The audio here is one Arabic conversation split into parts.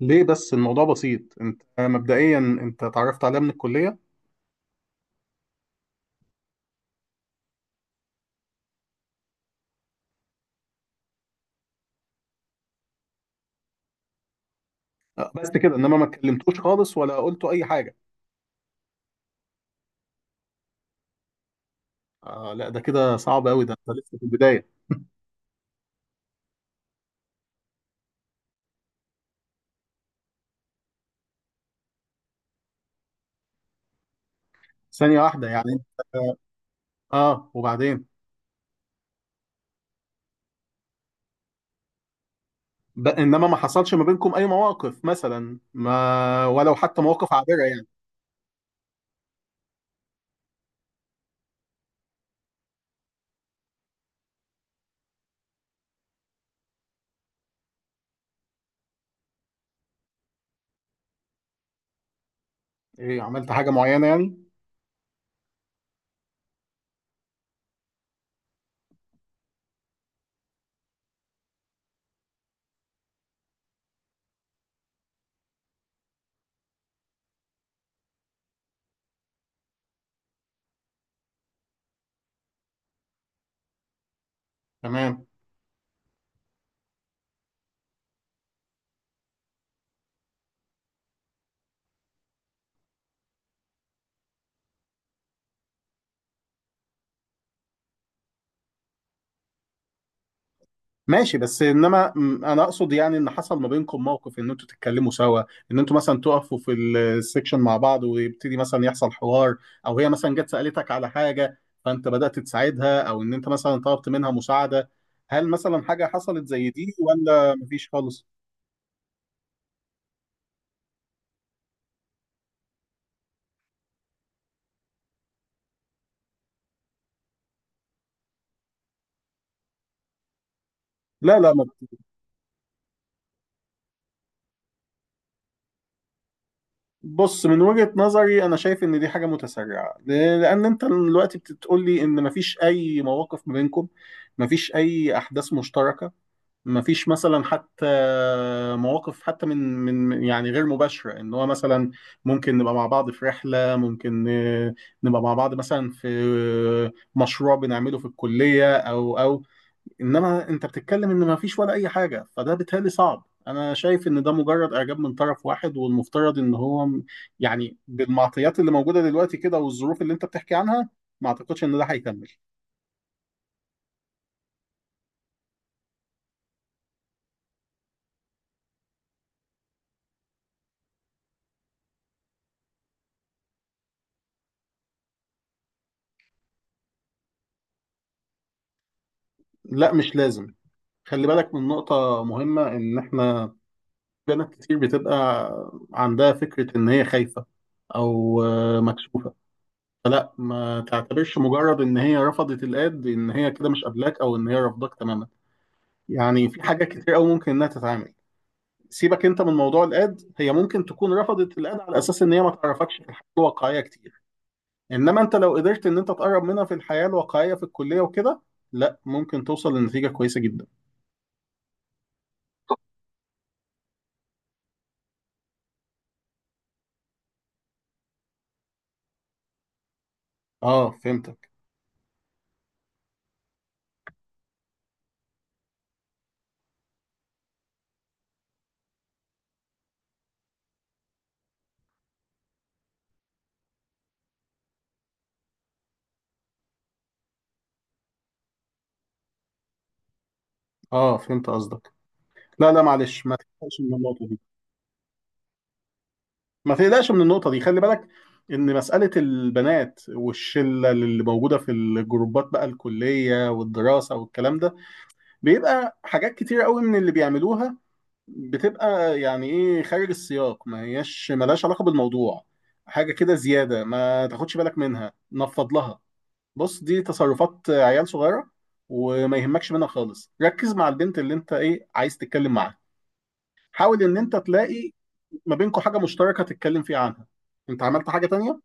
ليه بس؟ الموضوع بسيط. انت مبدئيا انت اتعرفت عليها من الكليه. بس كده، انما ما اتكلمتوش خالص ولا قلتوا اي حاجه. آه لا، ده كده صعب قوي. ده انت لسه في البدايه. ثانيه واحده، يعني انت اه وبعدين انما ما حصلش ما بينكم اي مواقف، مثلا ما، ولو حتى مواقف عابره يعني. ايه؟ عملت حاجه معينه يعني؟ تمام. ماشي، بس انما انا اقصد يعني ان حصل ما بينكم موقف، ان انتوا تتكلموا سوا، ان انتوا مثلا تقفوا في السكشن مع بعض ويبتدي مثلا يحصل حوار، او هي مثلا جت سألتك على حاجة فانت بدأت تساعدها، او ان انت مثلا طلبت منها مساعدة. هل مثلا حاجة حصلت زي دي ولا مفيش خالص؟ لا لا ما. بص، من وجهة نظري انا شايف ان دي حاجة متسرعة، لان انت دلوقتي بتقول لي ان مفيش اي مواقف ما بينكم، مفيش اي احداث مشتركة، ما فيش مثلا حتى مواقف، حتى من يعني غير مباشرة، ان هو مثلا ممكن نبقى مع بعض في رحلة، ممكن نبقى مع بعض مثلا في آه، مشروع بنعمله في الكلية او. انما انت بتتكلم ان ما فيش ولا اي حاجة، فده بالتالي صعب. انا شايف ان ده مجرد اعجاب من طرف واحد، والمفترض ان هو يعني بالمعطيات اللي موجودة دلوقتي كده والظروف اللي انت بتحكي عنها، ما اعتقدش ان ده هيكمل. لا، مش لازم. خلي بالك من نقطة مهمة، ان احنا بنات كتير بتبقى عندها فكرة إن هي خايفة أو مكسوفة. فلا، ما تعتبرش مجرد إن هي رفضت الاد إن هي كده مش قابلاك أو إن هي رافضاك تماما. يعني في حاجات كتير أوي ممكن إنها تتعامل. سيبك أنت من موضوع الاد، هي ممكن تكون رفضت الاد على أساس إن هي ما تعرفكش في الحياة الواقعية كتير. إنما أنت لو قدرت إن أنت تقرب منها في الحياة الواقعية في الكلية وكده، لا ممكن توصل لنتيجة كويسة جدا. اه فهمتك. اه فهمت قصدك. لا لا، معلش ما تقلقش من النقطة دي. ما تقلقش من النقطة دي، خلي بالك إن مسألة البنات والشلة اللي موجودة في الجروبات بقى الكلية والدراسة والكلام ده، بيبقى حاجات كتير قوي من اللي بيعملوها بتبقى يعني إيه خارج السياق، ما هياش ملهاش علاقة بالموضوع. حاجة كده زيادة، ما تاخدش بالك منها، نفض لها. بص دي تصرفات عيال صغيرة، وما يهمكش منها خالص. ركز مع البنت اللي أنت إيه عايز تتكلم معاها. حاول إن أنت تلاقي ما بينكم حاجة مشتركة تتكلم فيها عنها. أنت عملت حاجة تانية؟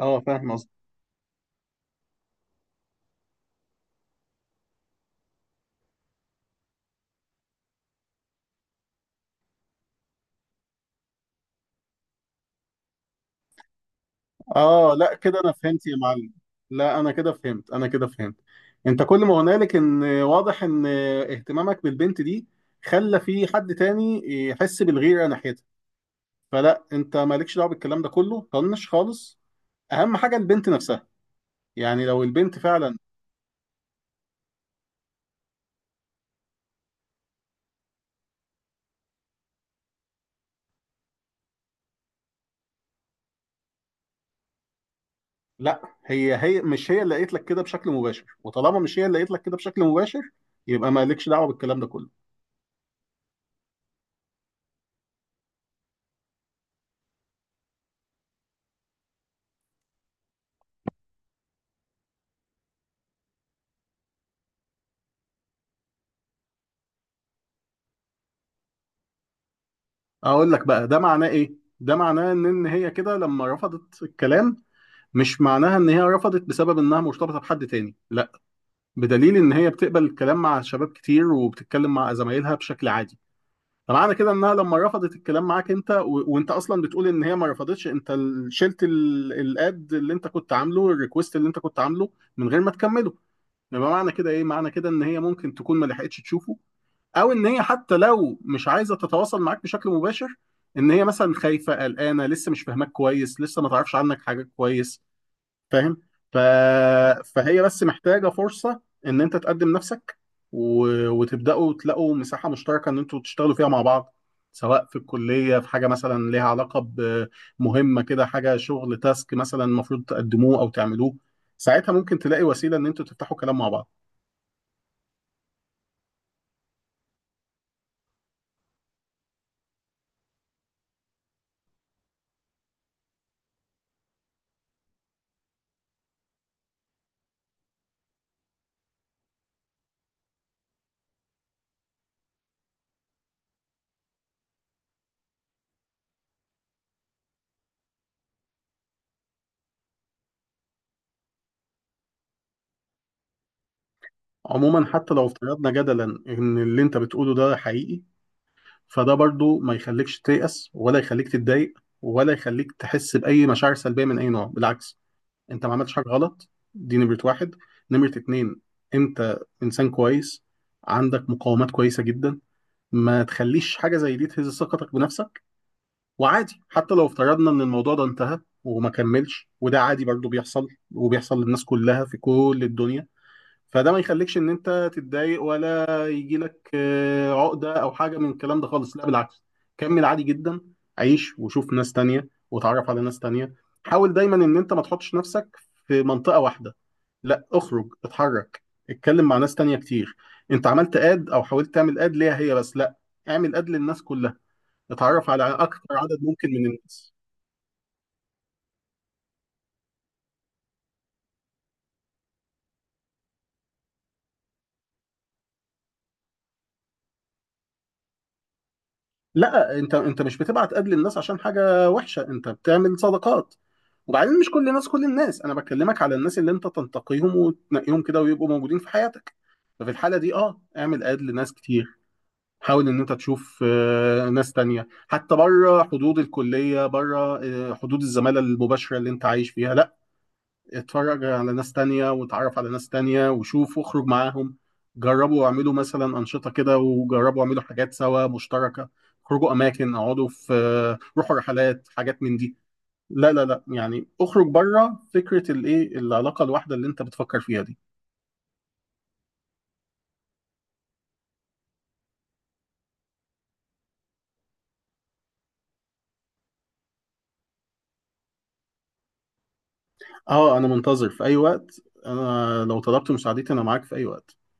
اه فاهم قصدي. اه لا، كده انا فهمت يا معلم. لا انا كده فهمت، انا كده فهمت. انت كل ما هنالك ان واضح ان اهتمامك بالبنت دي خلى في حد تاني يحس بالغيرة ناحيتها. فلا، انت مالكش دعوه بالكلام ده كله، طنش خالص. اهم حاجه البنت نفسها. يعني لو البنت فعلا، لا هي مش هي اللي قالت لك كده بشكل مباشر، وطالما مش هي اللي قالت لك كده بشكل مباشر، يبقى مالكش دعوه بالكلام ده كله. اقول لك بقى ده معناه ايه. ده معناه إن هي كده لما رفضت الكلام، مش معناها ان هي رفضت بسبب انها مرتبطه بحد تاني، لا. بدليل ان هي بتقبل الكلام مع شباب كتير وبتتكلم مع زمايلها بشكل عادي. فمعنى كده انها لما رفضت الكلام معاك انت وانت اصلا بتقول ان هي ما رفضتش، انت شلت الاد اللي انت كنت عامله، الريكوست اللي انت كنت عامله من غير ما تكمله، يبقى معنى كده ايه؟ معنى كده ان هي ممكن تكون ما لحقتش تشوفه، او ان هي حتى لو مش عايزه تتواصل معاك بشكل مباشر، ان هي مثلا خايفه قلقانه لسه مش فاهماك كويس لسه ما تعرفش عنك حاجه كويس. فاهم؟ ف... فهي بس محتاجة فرصة ان انت تقدم نفسك، و... وتبدأوا تلاقوا مساحة مشتركة ان انتوا تشتغلوا فيها مع بعض، سواء في الكلية في حاجة مثلا ليها علاقة بمهمة كده، حاجة شغل، تاسك مثلا المفروض تقدموه او تعملوه، ساعتها ممكن تلاقي وسيلة ان انتوا تفتحوا كلام مع بعض. عموما، حتى لو افترضنا جدلا ان اللي انت بتقوله ده حقيقي، فده برضو ما يخليكش تيأس، ولا يخليك تتضايق، ولا يخليك تحس بأي مشاعر سلبية من أي نوع. بالعكس، انت ما عملتش حاجه غلط، دي نمره 1. نمره 2، انت انسان كويس، عندك مقاومات كويسه جدا. ما تخليش حاجه زي دي تهز ثقتك بنفسك. وعادي حتى لو افترضنا ان الموضوع ده انتهى وما كملش، وده عادي برضه بيحصل وبيحصل للناس كلها في كل الدنيا. فده ما يخليكش ان انت تتضايق، ولا يجي لك عقدة او حاجة من الكلام ده خالص. لا بالعكس، كمل عادي جدا. عيش وشوف ناس تانية وتعرف على ناس تانية. حاول دايما ان انت ما تحطش نفسك في منطقة واحدة. لا اخرج، اتحرك، اتكلم مع ناس تانية كتير. انت عملت اد او حاولت تعمل اد ليها هي بس، لا اعمل اد للناس كلها. اتعرف على اكتر عدد ممكن من الناس. لا، انت مش بتبعت اد للناس عشان حاجة وحشة، انت بتعمل صداقات. وبعدين مش كل الناس، كل الناس انا بكلمك على الناس اللي انت تنتقيهم وتنقيهم كده ويبقوا موجودين في حياتك. ففي الحاله دي اه اعمل اد لناس كتير. حاول ان انت تشوف ناس تانية حتى بره حدود الكليه، بره حدود الزماله المباشره اللي انت عايش فيها. لا، اتفرج على ناس تانية وتعرف على ناس تانية وشوف واخرج معاهم. جربوا اعملوا مثلا انشطه كده، وجربوا اعملوا حاجات سوا مشتركه. اخرجوا اماكن، اقعدوا في روحوا رحلات، حاجات من دي. لا لا لا، يعني اخرج بره فكره الايه، العلاقه الواحده اللي انت بتفكر فيها دي. اه انا منتظر في اي وقت، انا لو طلبت مساعدتي انا معاك في اي وقت.